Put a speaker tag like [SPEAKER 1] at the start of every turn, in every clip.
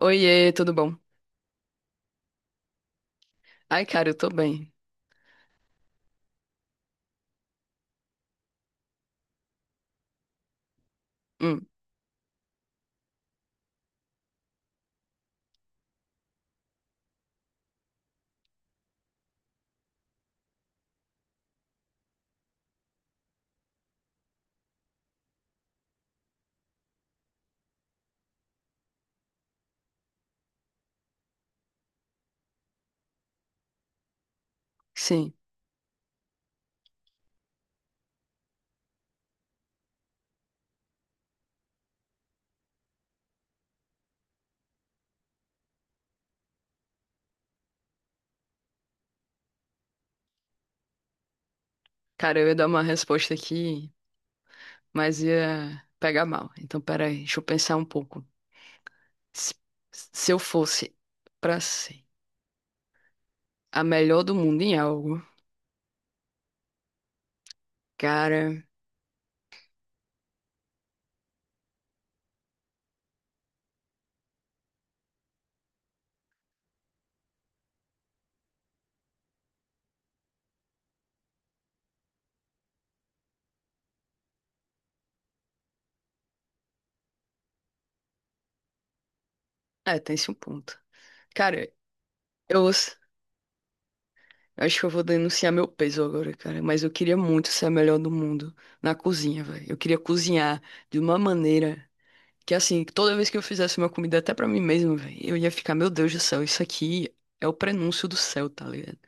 [SPEAKER 1] Oiê, tudo bom? Ai, cara, eu tô bem. Hum, sim. Cara, eu ia dar uma resposta aqui, mas ia pegar mal. Então, peraí, deixa eu pensar um pouco. Se, se eu fosse pra ser a melhor do mundo em algo, cara. É, tem-se um ponto. Cara, eu s- acho que eu vou denunciar meu peso agora, cara. Mas eu queria muito ser a melhor do mundo na cozinha, velho. Eu queria cozinhar de uma maneira. Que assim, toda vez que eu fizesse uma comida até pra mim mesmo, velho, eu ia ficar, meu Deus do céu, isso aqui é o prenúncio do céu, tá ligado?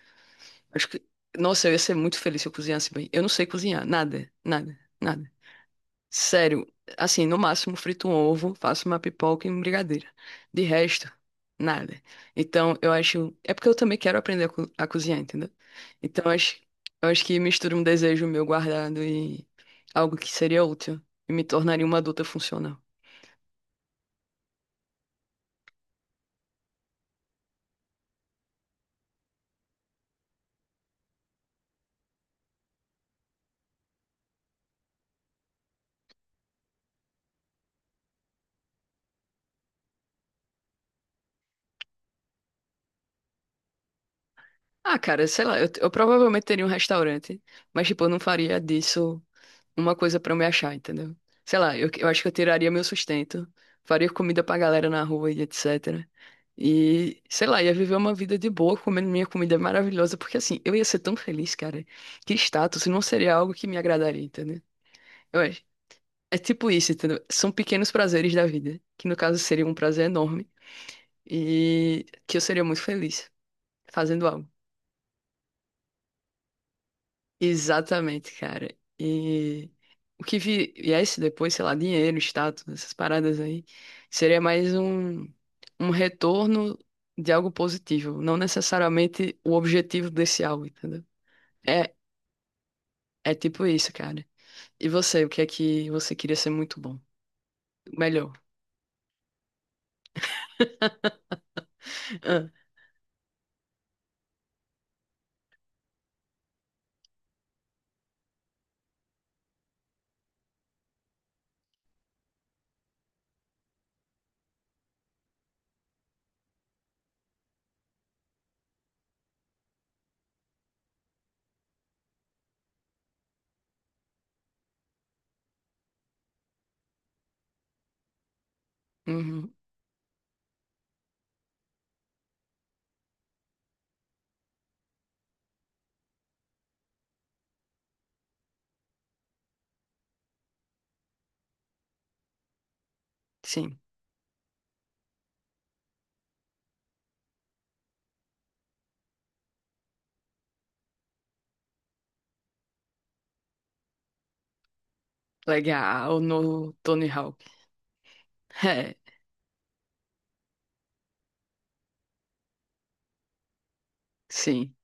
[SPEAKER 1] Acho que, nossa, eu ia ser muito feliz se eu cozinhasse bem. Eu não sei cozinhar, nada, nada, nada. Sério, assim, no máximo frito um ovo, faço uma pipoca e uma brigadeira. De resto, nada. Então, eu acho, é porque eu também quero aprender a cozinhar, entendeu? Então, eu acho que mistura um desejo meu guardado e algo que seria útil e me tornaria uma adulta funcional. Ah, cara, sei lá, eu provavelmente teria um restaurante, mas, tipo, eu não faria disso uma coisa pra eu me achar, entendeu? Sei lá, eu acho que eu tiraria meu sustento, faria comida pra galera na rua e etc. E, sei lá, ia viver uma vida de boa comendo minha comida maravilhosa, porque, assim, eu ia ser tão feliz, cara, que status não seria algo que me agradaria, entendeu? Eu acho. É tipo isso, entendeu? São pequenos prazeres da vida, que no caso seria um prazer enorme e que eu seria muito feliz fazendo algo. Exatamente, cara. E o que viesse depois, sei lá, dinheiro, status, essas paradas aí, seria mais um retorno de algo positivo, não necessariamente o objetivo desse algo, entendeu? É, é tipo isso, cara. E você, o que é que você queria ser muito bom? Melhor. Ah, uhum, sim. Legal, no Tony Hawk. É, sim.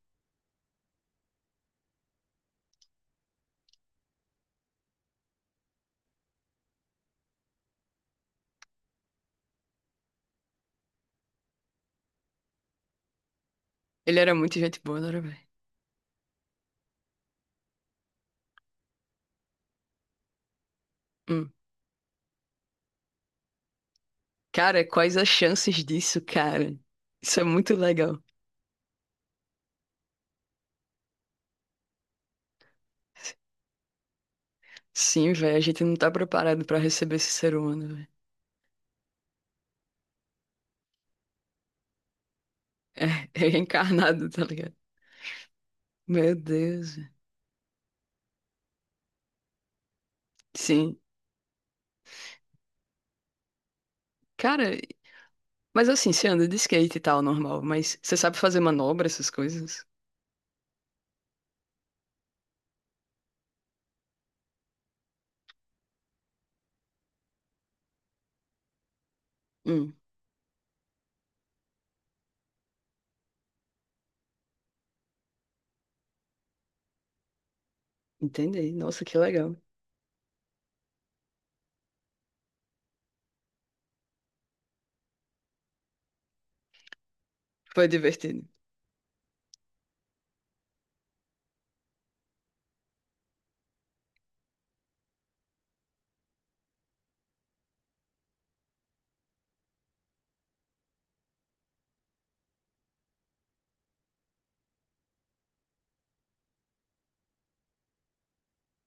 [SPEAKER 1] Ele era muito gente boa, não era, velho? Cara, quais as chances disso, cara? Isso é muito legal. Sim, velho, a gente não tá preparado pra receber esse ser humano, velho. É, é reencarnado, tá ligado? Meu Deus, velho. Sim. Cara, mas assim, você anda de skate e tal, normal, mas você sabe fazer manobra, essas coisas? Hum, Entendi. Nossa, que legal. Foi divertido.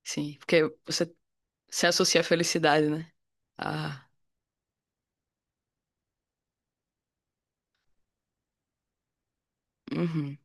[SPEAKER 1] Sim, porque você se associa à felicidade, né? Ah, uhum.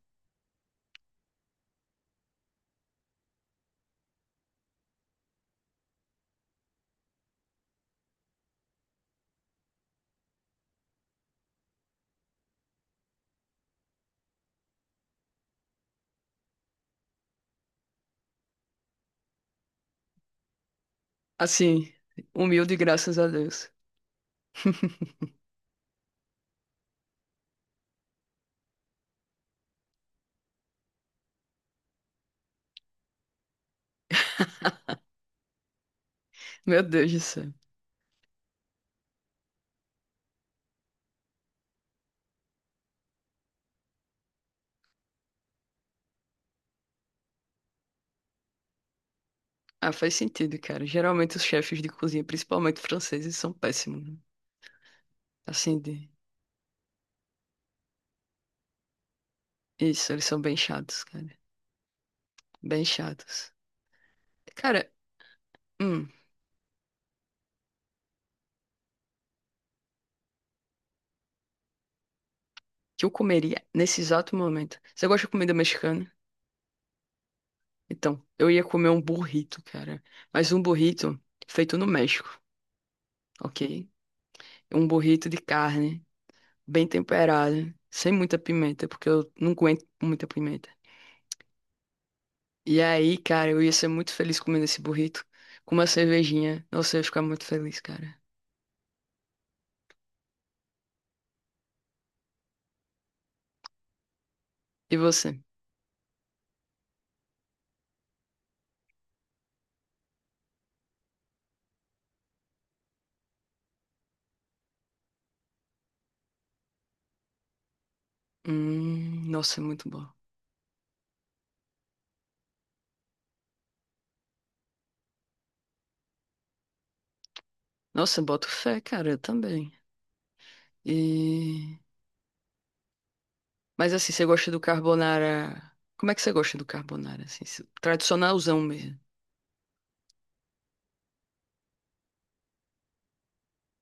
[SPEAKER 1] Assim, humilde, graças a Deus. Meu Deus do céu. Ah, faz sentido, cara. Geralmente os chefes de cozinha, principalmente franceses, são péssimos, né? Assim, isso, eles são bem chatos, cara. Bem chatos. Cara, hum, que eu comeria nesse exato momento. Você gosta de comida mexicana? Então, eu ia comer um burrito, cara. Mas um burrito feito no México, ok? Um burrito de carne, bem temperado, sem muita pimenta, porque eu não aguento muita pimenta. E aí, cara, eu ia ser muito feliz comendo esse burrito com uma cervejinha. Nossa, eu ia ficar muito feliz, cara. E você? Nossa, é muito bom. Nossa, boto fé, cara, eu também. E... Mas assim, você gosta do carbonara. Como é que você gosta do carbonara, assim? Tradicionalzão mesmo.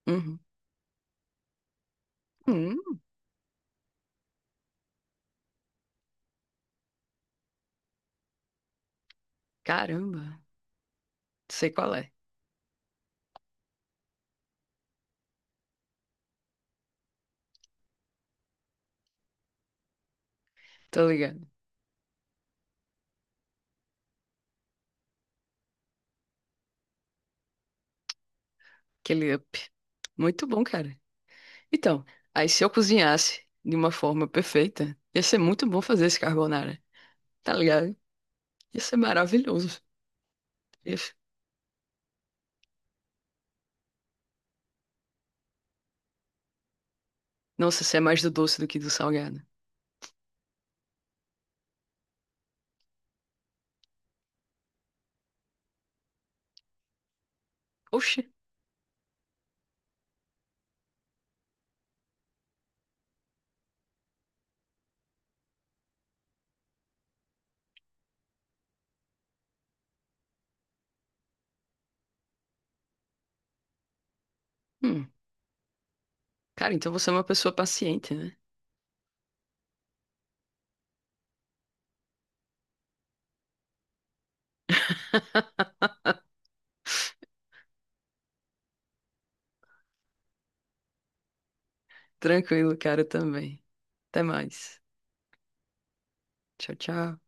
[SPEAKER 1] Uhum. Hum, Caramba, sei qual é. Tô ligado. Aquele up. Muito bom, cara. Então, aí se eu cozinhasse de uma forma perfeita, ia ser muito bom fazer esse carbonara. Tá ligado? Ia ser maravilhoso. Ia- Nossa, você é mais do doce do que do salgado. Oxi. Hum. Cara, então você é uma pessoa paciente, né? Tranquilo, cara, também. Até mais. Tchau, tchau.